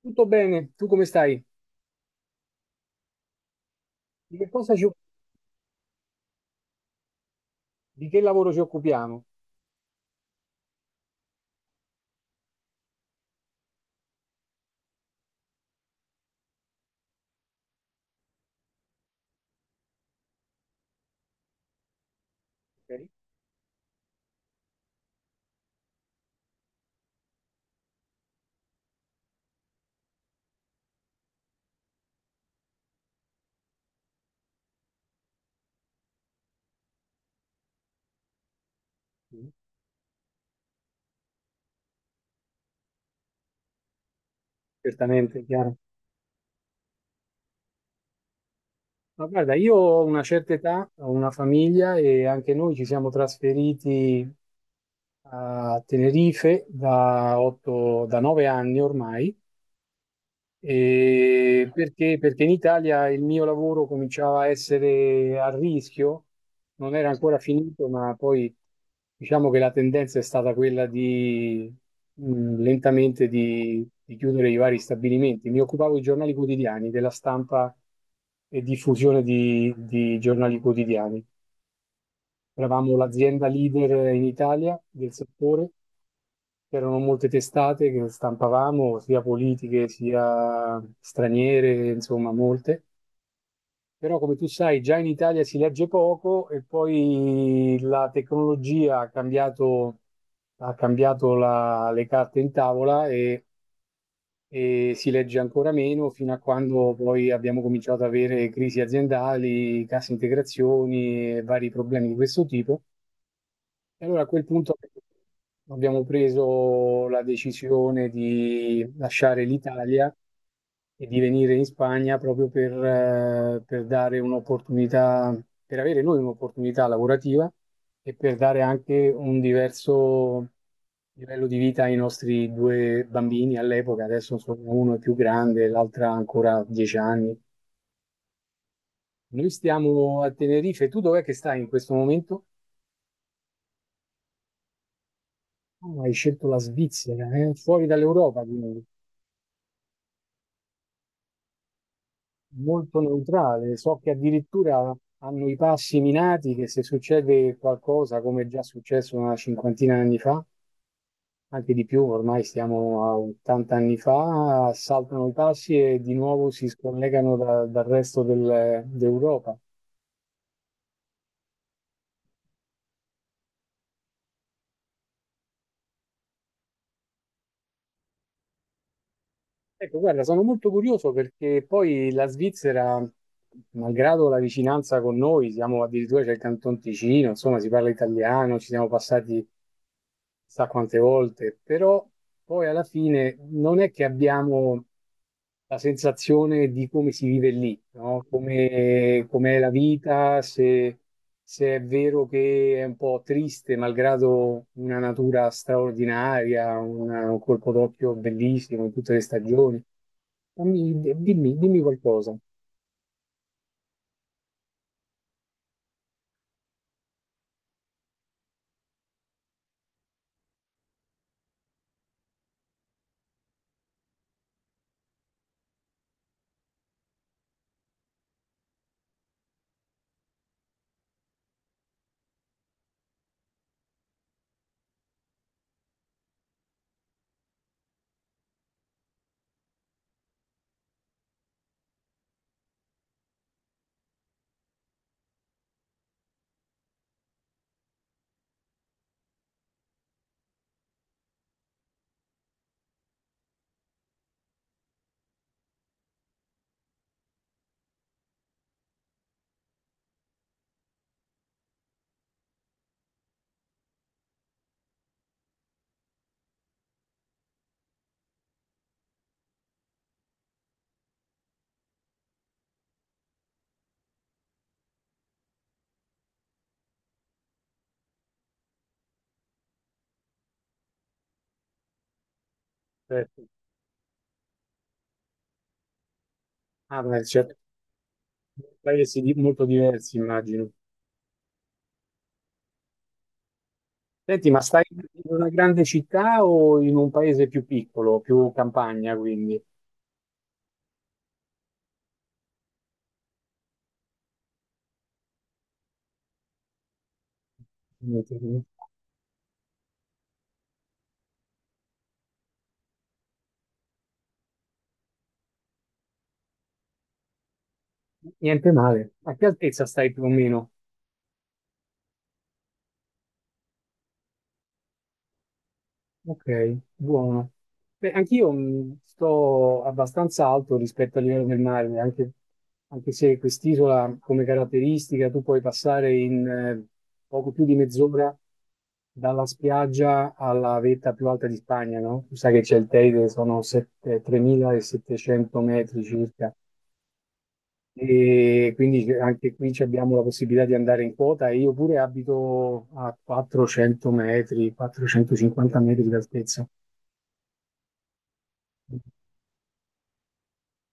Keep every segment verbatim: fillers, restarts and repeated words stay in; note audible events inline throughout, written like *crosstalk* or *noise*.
Tutto bene, tu come stai? Di che cosa ci, di che lavoro ci occupiamo? Ok. Mm, certamente, chiaro. Ma guarda, io ho una certa età, ho una famiglia e anche noi ci siamo trasferiti a Tenerife da otto, da nove anni ormai. E perché? Perché in Italia il mio lavoro cominciava a essere a rischio, non era ancora finito, ma poi diciamo che la tendenza è stata quella di mh, lentamente di, di chiudere i vari stabilimenti. Mi occupavo di giornali quotidiani, della stampa e diffusione di, di giornali quotidiani. Eravamo l'azienda leader in Italia del settore. C'erano molte testate che stampavamo, sia politiche sia straniere, insomma, molte. Però, come tu sai, già in Italia si legge poco e poi la tecnologia ha cambiato, ha cambiato la- le carte in tavola e, e si legge ancora meno fino a quando poi abbiamo cominciato ad avere crisi aziendali, casse integrazioni e vari problemi di questo tipo. E allora a quel punto abbiamo preso la decisione di lasciare l'Italia e di venire in Spagna proprio per, eh, per dare un'opportunità, per avere noi un'opportunità lavorativa e per dare anche un diverso livello di vita ai nostri due bambini all'epoca, adesso sono uno è più grande, l'altra ancora dieci anni. Noi stiamo a Tenerife, tu dov'è che stai in questo momento? Ah, hai scelto la Svizzera, eh? Fuori dall'Europa, quindi molto neutrale. So che addirittura hanno i passi minati che se succede qualcosa, come è già successo una cinquantina di anni fa, anche di più, ormai stiamo a ottanta anni fa, saltano i passi e di nuovo si scollegano da- dal resto del- d'Europa. Ecco, guarda, sono molto curioso perché poi la Svizzera, malgrado la vicinanza con noi, siamo addirittura c'è il Canton Ticino, insomma, si parla italiano, ci siamo passati sa quante volte, però poi alla fine non è che abbiamo la sensazione di come si vive lì, no? Come, com'è la vita, se, se è vero che è un po' triste, malgrado una natura straordinaria, una- un colpo d'occhio bellissimo in tutte le stagioni. Dammi- dimmi, dimmi qualcosa. Certo. Ah, beh, certo. Paesi di- molto diversi, immagino. Senti, ma stai in una grande città o in un paese più piccolo, più campagna, quindi? Niente Niente male. A che altezza stai più o meno? Ok, buono. Beh, anch'io mh, sto abbastanza alto rispetto al livello del mare, anche, anche se quest'isola come caratteristica tu puoi passare in eh, poco più di mezz'ora dalla spiaggia alla vetta più alta di Spagna, no? Tu sai che c'è il Teide, sono sette- tremilasettecento metri circa. E quindi anche qui ci abbiamo la possibilità di andare in quota. E Io pure abito a quattrocento metri, quattrocentocinquanta metri di altezza.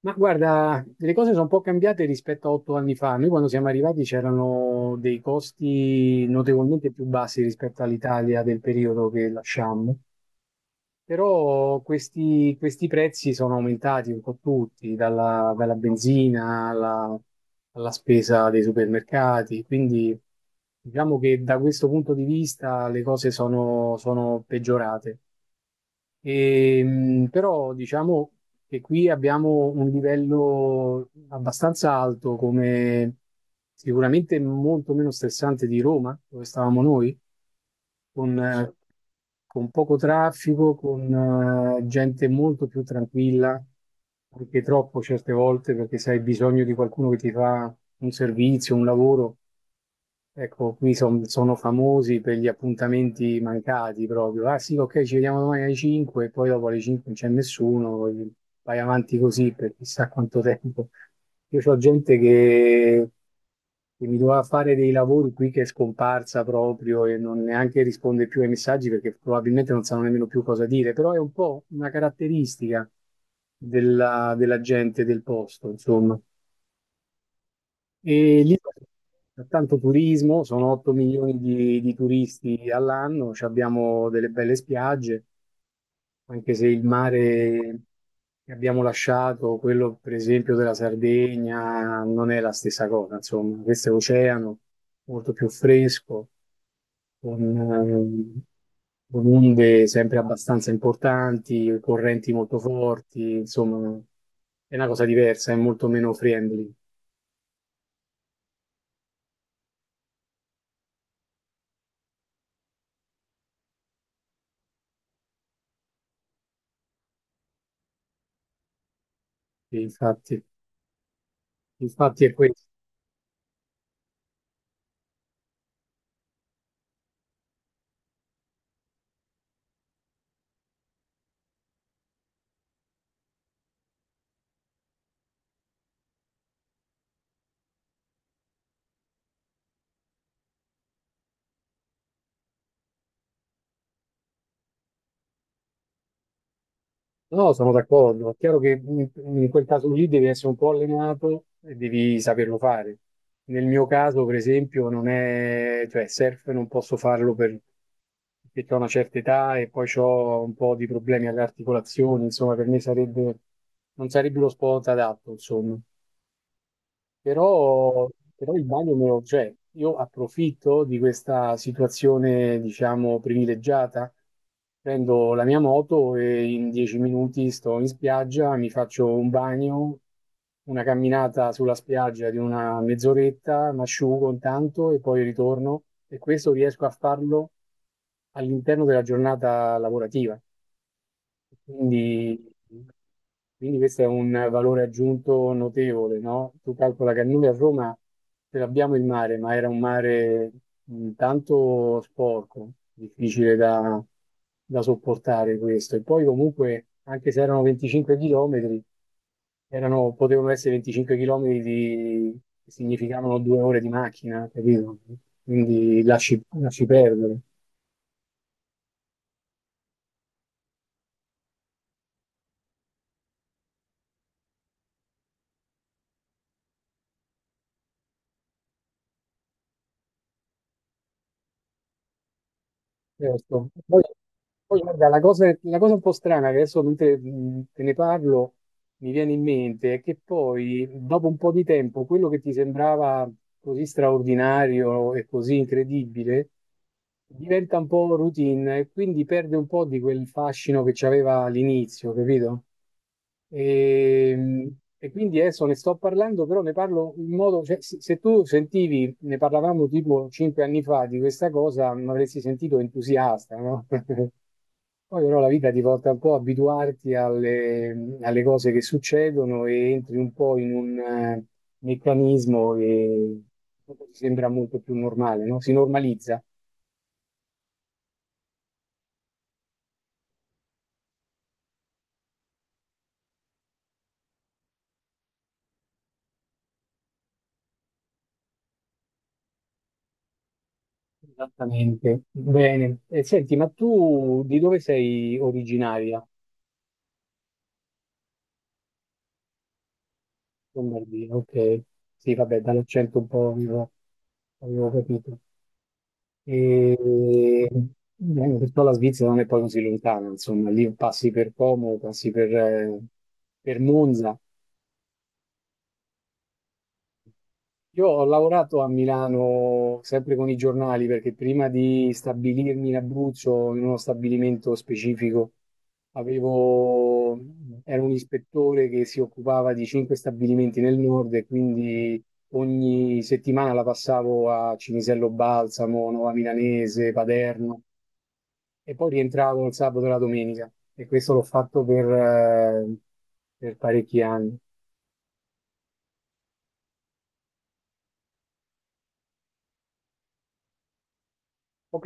Ma guarda, le cose sono un po' cambiate rispetto a otto anni fa. Noi quando siamo arrivati c'erano dei costi notevolmente più bassi rispetto all'Italia del periodo che lasciammo, però questi, questi prezzi sono aumentati un po' tutti, dalla, dalla benzina alla, alla spesa dei supermercati, quindi diciamo che da questo punto di vista le cose sono sono peggiorate. E, mh, però diciamo che qui abbiamo un livello abbastanza alto, come sicuramente molto meno stressante di Roma, dove stavamo noi, con, eh, con poco traffico, con eh, gente molto più tranquilla, anche troppo certe volte, perché se hai bisogno di qualcuno che ti fa un servizio, un lavoro. Ecco, qui son- sono famosi per gli appuntamenti mancati proprio. Ah sì, ok, ci vediamo domani alle cinque e poi dopo alle cinque non c'è nessuno, poi vai avanti così per chissà quanto tempo. Io ho gente che, che mi doveva fare dei lavori qui che è scomparsa proprio e non neanche risponde più ai messaggi perché probabilmente non sanno nemmeno più cosa dire, però è un po' una caratteristica della della gente del posto, insomma. E lì c'è tanto turismo, sono otto milioni di, di turisti all'anno, ci abbiamo delle belle spiagge, anche se il mare che abbiamo lasciato, quello per esempio della Sardegna, non è la stessa cosa, insomma, questo è oceano molto più fresco, con, ehm, con onde sempre abbastanza importanti, correnti molto forti, insomma, è una cosa diversa, è molto meno friendly, infatti. Infatti è questo. No, sono d'accordo. È chiaro che in, in quel caso lì devi essere un po' allenato e devi saperlo fare. Nel mio caso, per esempio, non è, cioè, surf non posso farlo per- perché ho una certa età e poi ho un po' di problemi alle articolazioni, insomma, per me sarebbe, non sarebbe lo sport adatto, insomma. Però, però il bagno me lo, cioè, io approfitto di questa situazione, diciamo, privilegiata. Prendo la mia moto e in dieci minuti sto in spiaggia, mi faccio un bagno, una camminata sulla spiaggia di una mezz'oretta, mi asciugo intanto e poi ritorno. E questo riesco a farlo all'interno della giornata lavorativa. Quindi, quindi questo è un valore aggiunto notevole, no? Tu calcola che noi a Roma ce l'abbiamo il mare, ma era un mare mh, tanto sporco, difficile da, da sopportare questo. E poi comunque, anche se erano venticinque chilometri, erano, potevano essere venticinque chilometri di, che significavano due ore di macchina, capito? Quindi lasci, lasci perdere. Certo. Poi, poi, guarda, la cosa, la cosa un po' strana che adesso mentre mh, te ne parlo mi viene in mente è che poi, dopo un po' di tempo, quello che ti sembrava così straordinario e così incredibile diventa un po' routine e quindi perde un po' di quel fascino che c'aveva all'inizio, capito? E, e quindi adesso ne sto parlando, però ne parlo in modo, cioè, se, se tu sentivi, ne parlavamo tipo cinque anni fa di questa cosa, mi avresti sentito entusiasta, no? *laughs* Poi però la vita ti porta un po' a abituarti alle, alle cose che succedono e entri un po' in un eh, meccanismo che dopo ti sembra molto più normale, no? Si normalizza. Esattamente. Bene. E senti, ma tu di dove sei originaria? Lombardia, ok. Sì, vabbè, dall'accento un po' avevo, avevo capito. E eh, Perciò la Svizzera non è poi così lontana, insomma, lì passi per Como, passi per, eh, per Monza. Io ho lavorato a Milano sempre con i giornali perché prima di stabilirmi in Abruzzo, in uno stabilimento specifico, avevo, ero un ispettore che si occupava di cinque stabilimenti nel nord e quindi ogni settimana la passavo a Cinisello Balsamo, Nuova Milanese, Paderno e poi rientravo il sabato e la domenica e questo l'ho fatto per, eh, per parecchi anni. Ok.